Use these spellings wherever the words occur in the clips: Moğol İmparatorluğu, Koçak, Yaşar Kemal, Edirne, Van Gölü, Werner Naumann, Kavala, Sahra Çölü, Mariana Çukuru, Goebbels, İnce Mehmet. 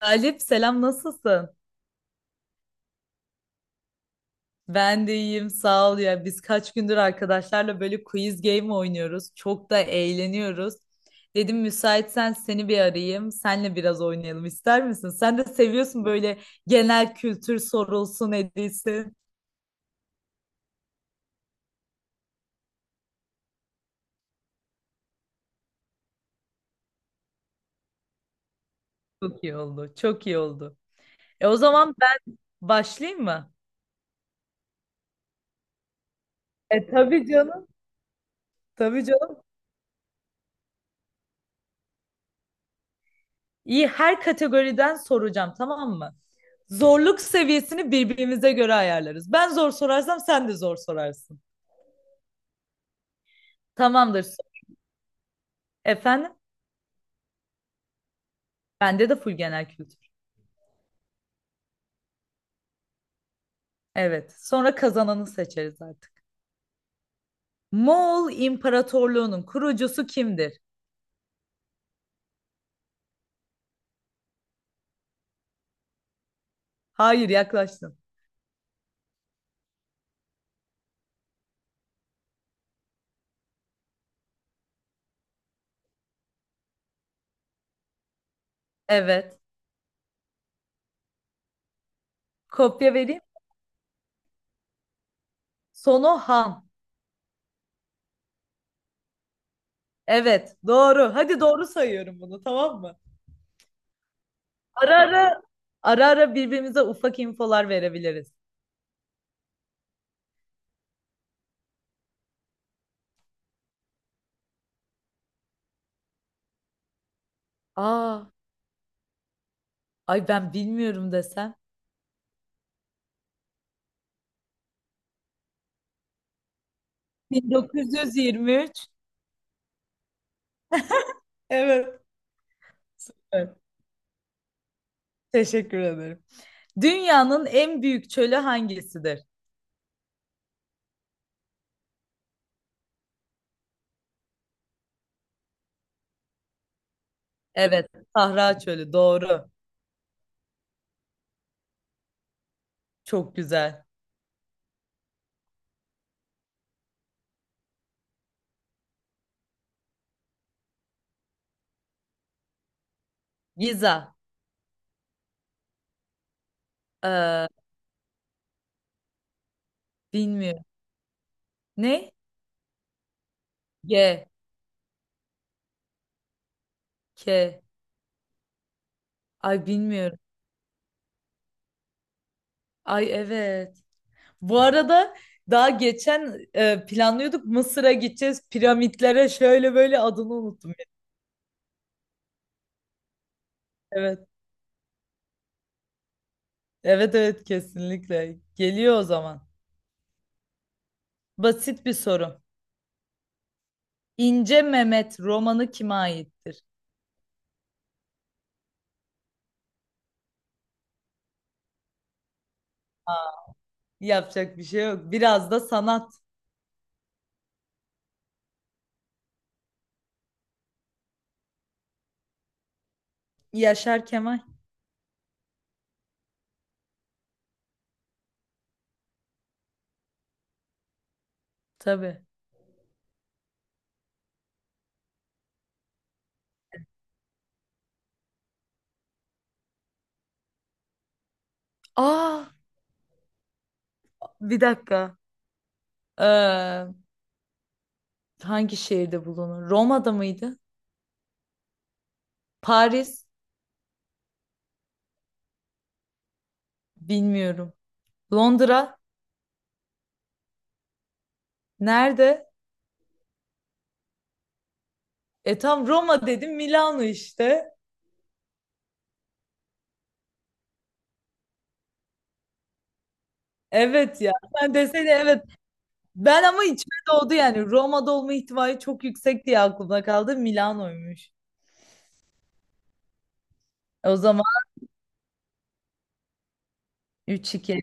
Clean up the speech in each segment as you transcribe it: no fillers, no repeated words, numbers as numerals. Galip selam nasılsın? Ben de iyiyim sağ ol ya. Biz kaç gündür arkadaşlarla böyle quiz game oynuyoruz. Çok da eğleniyoruz. Dedim müsaitsen seni bir arayayım. Senle biraz oynayalım ister misin? Sen de seviyorsun böyle genel kültür sorulsun edilsin. Çok iyi oldu. Çok iyi oldu. E, o zaman ben başlayayım mı? E tabii canım. Tabii canım. İyi, her kategoriden soracağım, tamam mı? Zorluk seviyesini birbirimize göre ayarlarız. Ben zor sorarsam sen de zor sorarsın. Tamamdır. Efendim? Bende de full genel kültür. Evet. Sonra kazananı seçeriz artık. Moğol İmparatorluğu'nun kurucusu kimdir? Hayır, yaklaştın. Evet. Kopya vereyim. Sono Han. Evet, doğru. Hadi doğru sayıyorum bunu, tamam mı? Ara ara ara ara birbirimize ufak infolar verebiliriz. Aa, ay ben bilmiyorum desem. 1923. Evet. Evet. Teşekkür ederim. Dünyanın en büyük çölü hangisidir? Evet, Sahra Çölü. Doğru. Çok güzel. Giza. Ee, bilmiyorum. Ne? G. K. Ay bilmiyorum. Ay evet. Bu arada daha geçen planlıyorduk Mısır'a gideceğiz. Piramitlere şöyle böyle adını unuttum. Evet. Evet evet, kesinlikle. Geliyor o zaman. Basit bir soru. İnce Mehmet romanı kime aittir? Aa, yapacak bir şey yok. Biraz da sanat. Yaşar Kemal. Tabii. Aa, bir dakika. Ee, hangi şehirde bulunur? Roma'da mıydı? Paris? Bilmiyorum. Londra? Nerede? E, tam Roma dedim, Milano işte. Evet ya. Sen desene evet. Ben ama içime oldu yani. Roma'da olma ihtimali çok yüksek diye aklımda kaldı. Milano'ymuş. E, o zaman 3-2.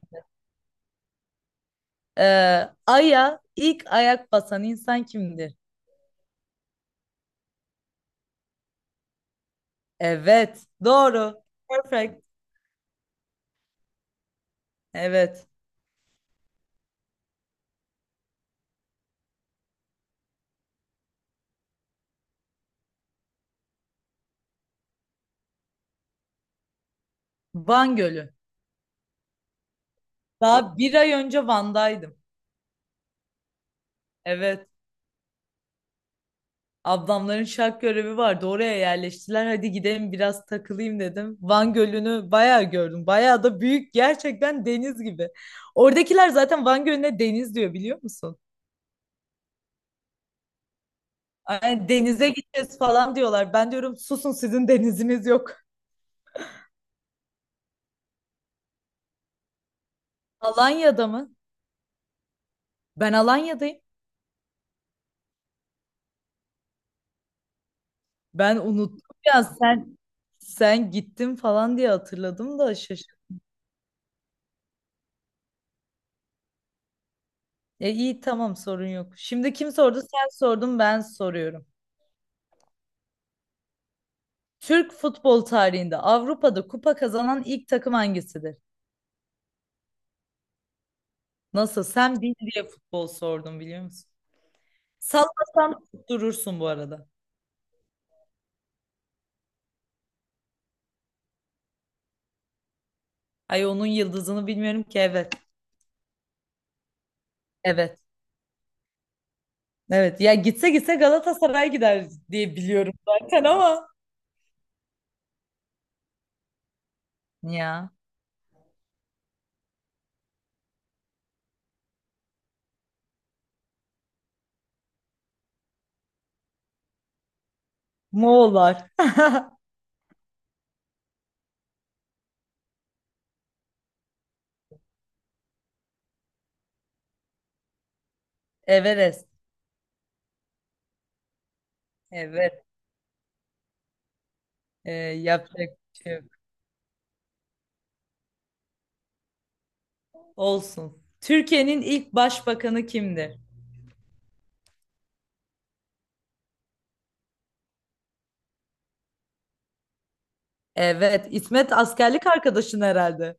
Ee, Ay'a ilk ayak basan insan kimdir? Evet, doğru. Perfect. Evet. Van Gölü. Daha bir ay önce Van'daydım. Evet. Ablamların şark görevi vardı. Oraya yerleştiler. Hadi gidelim biraz takılayım dedim. Van Gölü'nü bayağı gördüm. Bayağı da büyük. Gerçekten deniz gibi. Oradakiler zaten Van Gölü'ne deniz diyor, biliyor musun? Yani denize gideceğiz falan diyorlar. Ben diyorum susun, sizin deniziniz yok. Alanya'da mı? Ben Alanya'dayım. Ben unuttum ya, sen gittin falan diye hatırladım da şaşırdım. E iyi, tamam, sorun yok. Şimdi kim sordu? Sen sordun, ben soruyorum. Türk futbol tarihinde Avrupa'da kupa kazanan ilk takım hangisidir? Nasıl? Sen bil diye futbol sordum, biliyor musun? Sallasan durursun bu arada. Ay, onun yıldızını bilmiyorum ki, evet. Evet. Evet. Ya, gitse gitse Galatasaray gider diye biliyorum zaten ama. Ya. Moğollar. Everest. Evet. Yapacak bir şey yok. Olsun. Türkiye'nin ilk başbakanı kimdir? Evet, İsmet askerlik arkadaşın herhalde.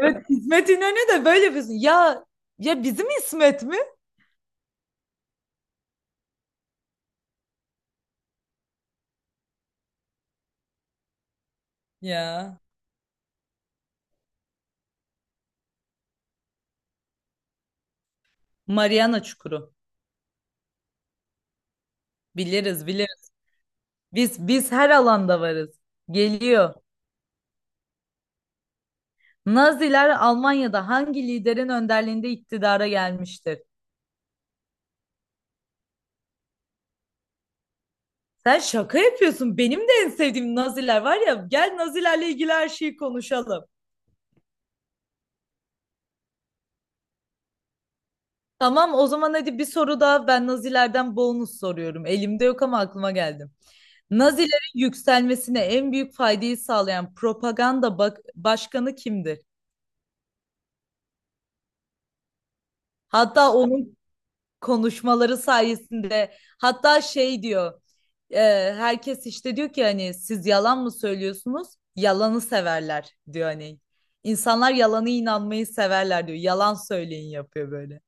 Evet, İsmet İnönü de böyle yapıyorsun. Ya, ya bizim İsmet mi? Ya. Mariana Çukuru. Biliriz, biliriz. Biz her alanda varız. Geliyor. Naziler Almanya'da hangi liderin önderliğinde iktidara gelmiştir? Sen şaka yapıyorsun. Benim de en sevdiğim Naziler var ya. Gel Nazilerle ilgili her şeyi konuşalım. Tamam, o zaman hadi bir soru daha, ben Nazilerden bonus soruyorum. Elimde yok ama aklıma geldi. Nazilerin yükselmesine en büyük faydayı sağlayan propaganda başkanı kimdir? Hatta onun konuşmaları sayesinde, hatta şey diyor, e, herkes işte diyor ki, hani siz yalan mı söylüyorsunuz? Yalanı severler diyor hani. İnsanlar yalanı inanmayı severler diyor. Yalan söyleyin yapıyor böyle.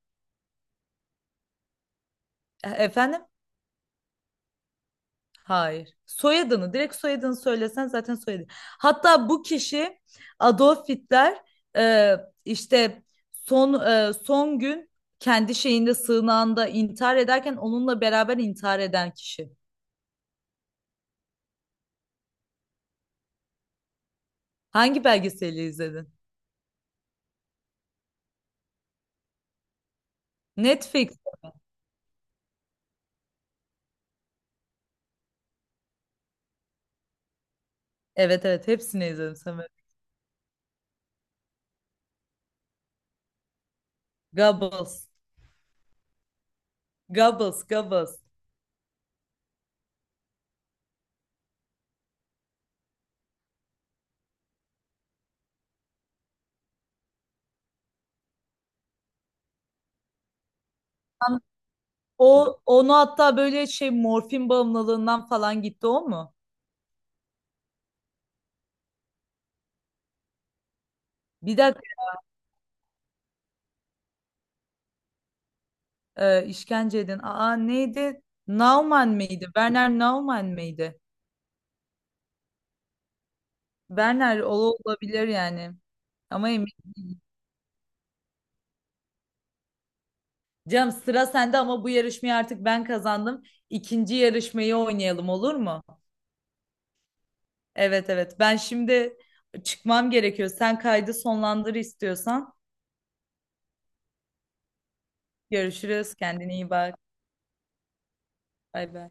Efendim? Hayır. Soyadını, direkt soyadını söylesen, zaten soyadı. Hatta bu kişi Adolf Hitler, e, işte son gün kendi şeyinde, sığınağında intihar ederken onunla beraber intihar eden kişi. Hangi belgeseli izledin? Netflix. Evet evet, hepsini izledim Samet. Goebbels. Goebbels, Goebbels. O onu hatta böyle şey, morfin bağımlılığından falan gitti o mu? Bir dakika. İşkence edin. Aa, neydi? Naumann mıydı? Werner Naumann mıydı? Werner, o olabilir yani. Ama emin. Canım, sıra sende ama bu yarışmayı artık ben kazandım. İkinci yarışmayı oynayalım, olur mu? Evet evet. Ben şimdi çıkmam gerekiyor. Sen kaydı sonlandır istiyorsan. Görüşürüz. Kendine iyi bak. Bay bay.